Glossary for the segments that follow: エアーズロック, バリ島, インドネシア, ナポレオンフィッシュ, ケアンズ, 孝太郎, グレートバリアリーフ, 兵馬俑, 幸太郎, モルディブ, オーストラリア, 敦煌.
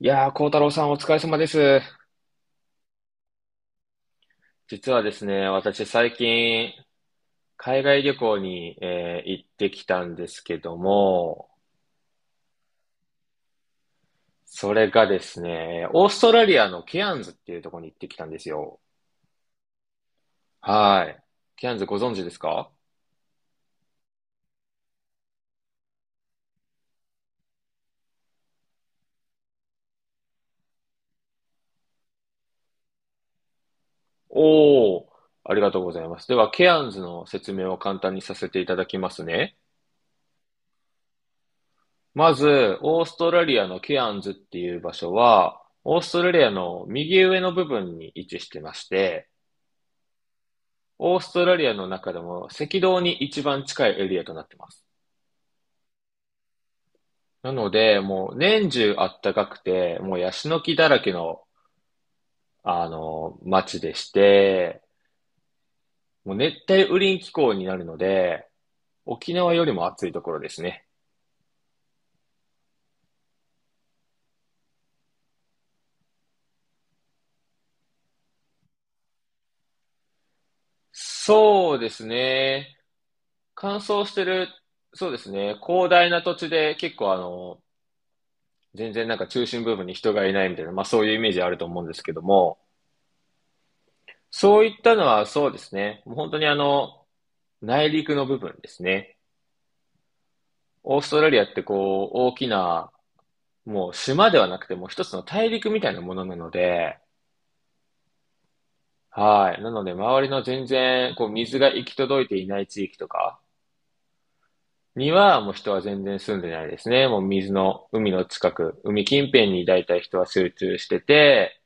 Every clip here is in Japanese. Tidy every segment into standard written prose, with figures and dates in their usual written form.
いやー、幸太郎さんお疲れ様です。実はですね、私最近、海外旅行に、行ってきたんですけども、それがですね、オーストラリアのケアンズっていうところに行ってきたんですよ。はい。ケアンズご存知ですか？おー、ありがとうございます。では、ケアンズの説明を簡単にさせていただきますね。まず、オーストラリアのケアンズっていう場所は、オーストラリアの右上の部分に位置してまして、オーストラリアの中でも赤道に一番近いエリアとなってます。なので、もう年中あったかくて、もうヤシの木だらけの、街でして、もう熱帯雨林気候になるので、沖縄よりも暑いところですね。そうですね。乾燥してる、そうですね。広大な土地で結構全然なんか中心部分に人がいないみたいな、まあそういうイメージあると思うんですけども、そういったのはそうですね。もう本当に内陸の部分ですね。オーストラリアってこう、大きな、もう島ではなくてもう一つの大陸みたいなものなので、はい。なので、周りの全然、こう、水が行き届いていない地域とかには、もう人は全然住んでないですね。もう水の、海の近く、海近辺に大体人は集中してて、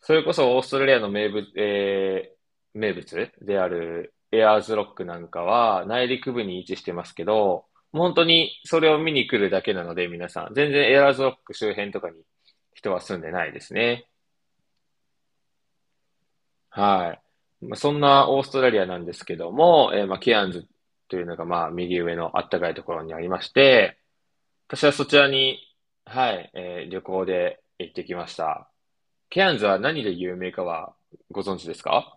それこそオーストラリアの名物であるエアーズロックなんかは内陸部に位置してますけど、もう本当にそれを見に来るだけなので皆さん、全然エアーズロック周辺とかに人は住んでないですね。はい。まあ、そんなオーストラリアなんですけども、まあ、ケアンズというのがまあ右上のあったかいところにありまして、私はそちらに、はい、旅行で行ってきました。ケアンズは何で有名かはご存知ですか？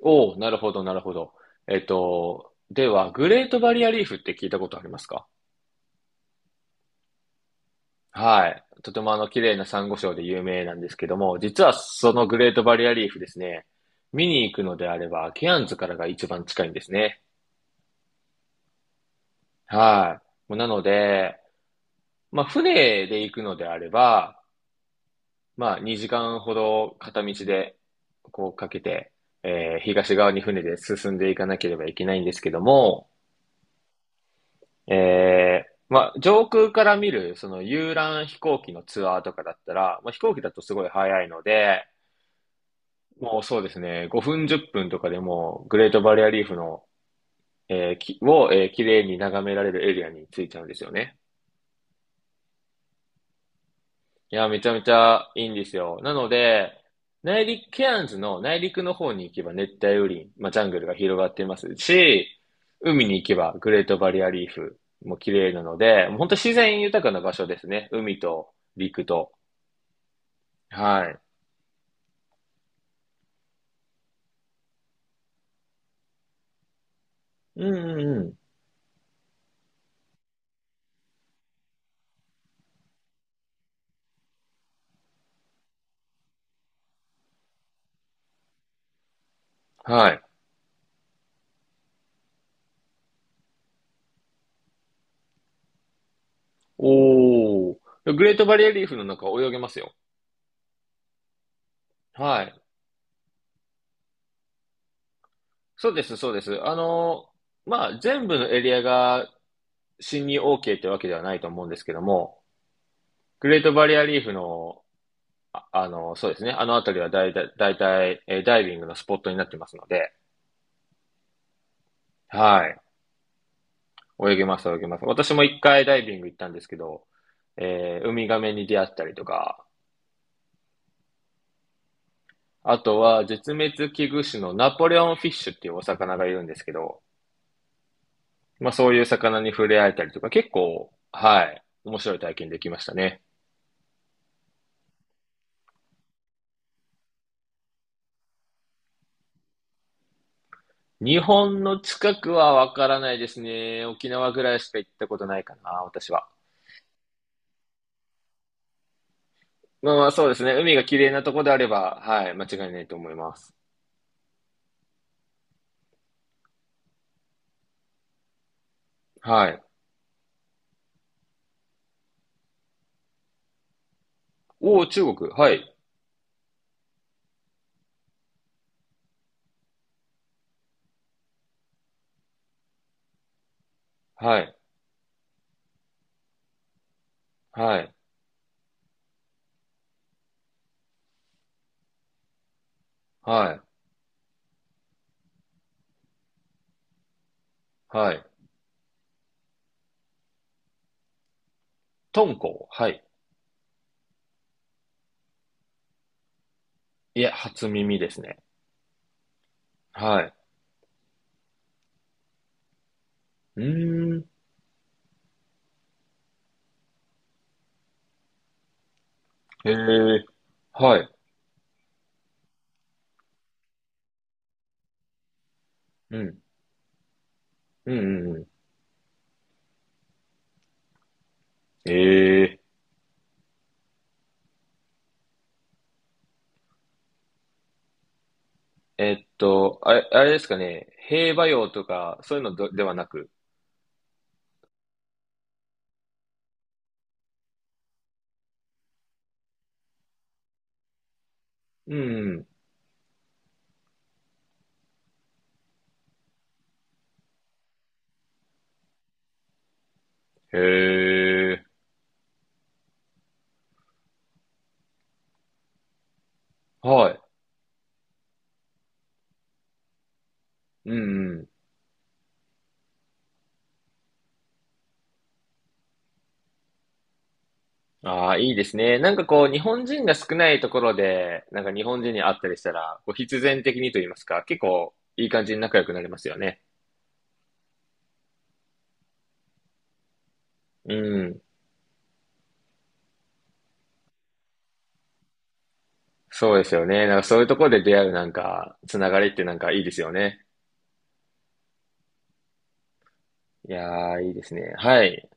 おお、なるほど、なるほど。では、グレートバリアリーフって聞いたことありますか？はい。とても綺麗なサンゴ礁で有名なんですけども、実はそのグレートバリアリーフですね、見に行くのであれば、ケアンズからが一番近いんですね。はい。もうなので、まあ、船で行くのであれば、まあ、2時間ほど片道で、こうかけて、東側に船で進んでいかなければいけないんですけども、まあ、上空から見る、その遊覧飛行機のツアーとかだったら、まあ、飛行機だとすごい早いので、もうそうですね、5分10分とかでも、グレートバリアリーフの、えーきを、えー、綺麗に眺められるエリアに着いちゃうんですよね。いや、めちゃめちゃいいんですよ。なので、内陸、ケアンズの内陸の方に行けば熱帯雨林、まあ、ジャングルが広がっていますし、海に行けばグレートバリアリーフも綺麗なので、もう本当自然豊かな場所ですね。海と陸と。はい。うんうんうん。はい。おー。グレートバリアリーフの中泳げますよ。はい。そうです、そうです。まあ、全部のエリアが侵入 OK ってわけではないと思うんですけども、グレートバリアリーフのそうですね。あの辺りはだいたい、ダイビングのスポットになってますので、はい。泳げます、泳げます。私も1回ダイビング行ったんですけど、ウミガメに出会ったりとか、あとは絶滅危惧種のナポレオンフィッシュっていうお魚がいるんですけど、まあそういう魚に触れ合えたりとか、結構、はい、面白い体験できましたね。日本の近くはわからないですね。沖縄ぐらいしか行ったことないかな、私は。まあまあそうですね。海が綺麗なとこであれば、はい、間違いないと思います。はい。おお、中国。はい。はい。はい。はい。はい。敦煌。はい。いや、初耳ですね。はい。うーん。へえ。はい。うん。うんうんうん。ええ。あれですかね。兵馬俑とか、そういうのどではなく。うんうん。へえ。はい。うん。ああ、いいですね。なんかこう、日本人が少ないところで、なんか日本人に会ったりしたら、こう必然的にと言いますか、結構いい感じに仲良くなりますよね。うん。そうですよね。なんかそういうところで出会うなんか、つながりってなんかいいですよね。いやー、いいですね。はい。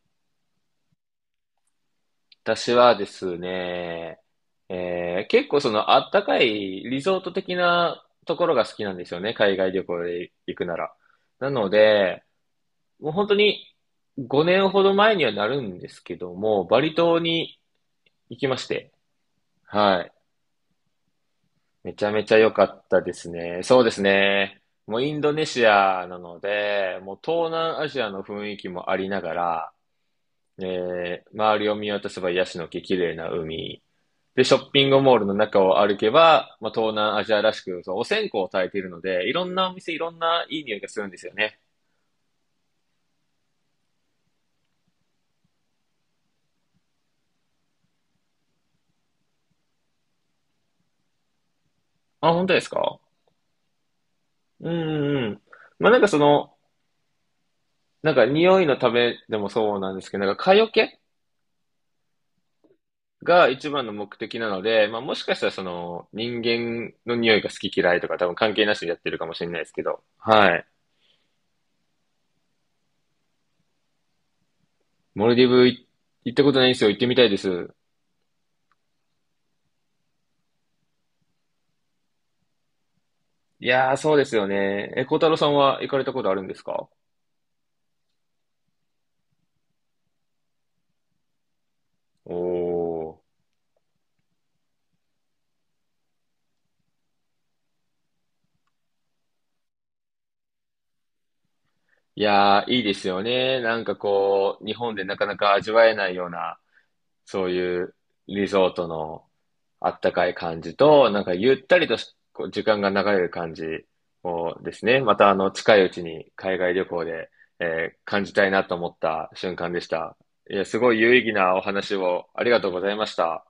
私はですね、結構そのあったかいリゾート的なところが好きなんですよね。海外旅行で行くなら。なので、もう本当に5年ほど前にはなるんですけども、バリ島に行きまして、はい。めちゃめちゃ良かったですね。そうですね。もうインドネシアなので、もう東南アジアの雰囲気もありながら、周りを見渡せばヤシの木、綺麗な海。で、ショッピングモールの中を歩けば、まあ、東南アジアらしく、そう、お線香を焚いているので、いろんなお店、いろんないい匂いがするんですよね。あ、本当ですか？うんうんうん。まあ、なんかその、なんか匂いのためでもそうなんですけど、なんか蚊よけが一番の目的なので、まあもしかしたらその人間の匂いが好き嫌いとか多分関係なしでやってるかもしれないですけど、はい。モルディブ行ったことないんですよ。行ってみたいです。いやー、そうですよね。え、孝太郎さんは行かれたことあるんですか？おー。いやー、いいですよね。なんかこう、日本でなかなか味わえないようなそういうリゾートのあったかい感じと、なんかゆったりと時間が流れる感じもですね、また近いうちに海外旅行で、感じたいなと思った瞬間でした。いや、すごい有意義なお話をありがとうございました。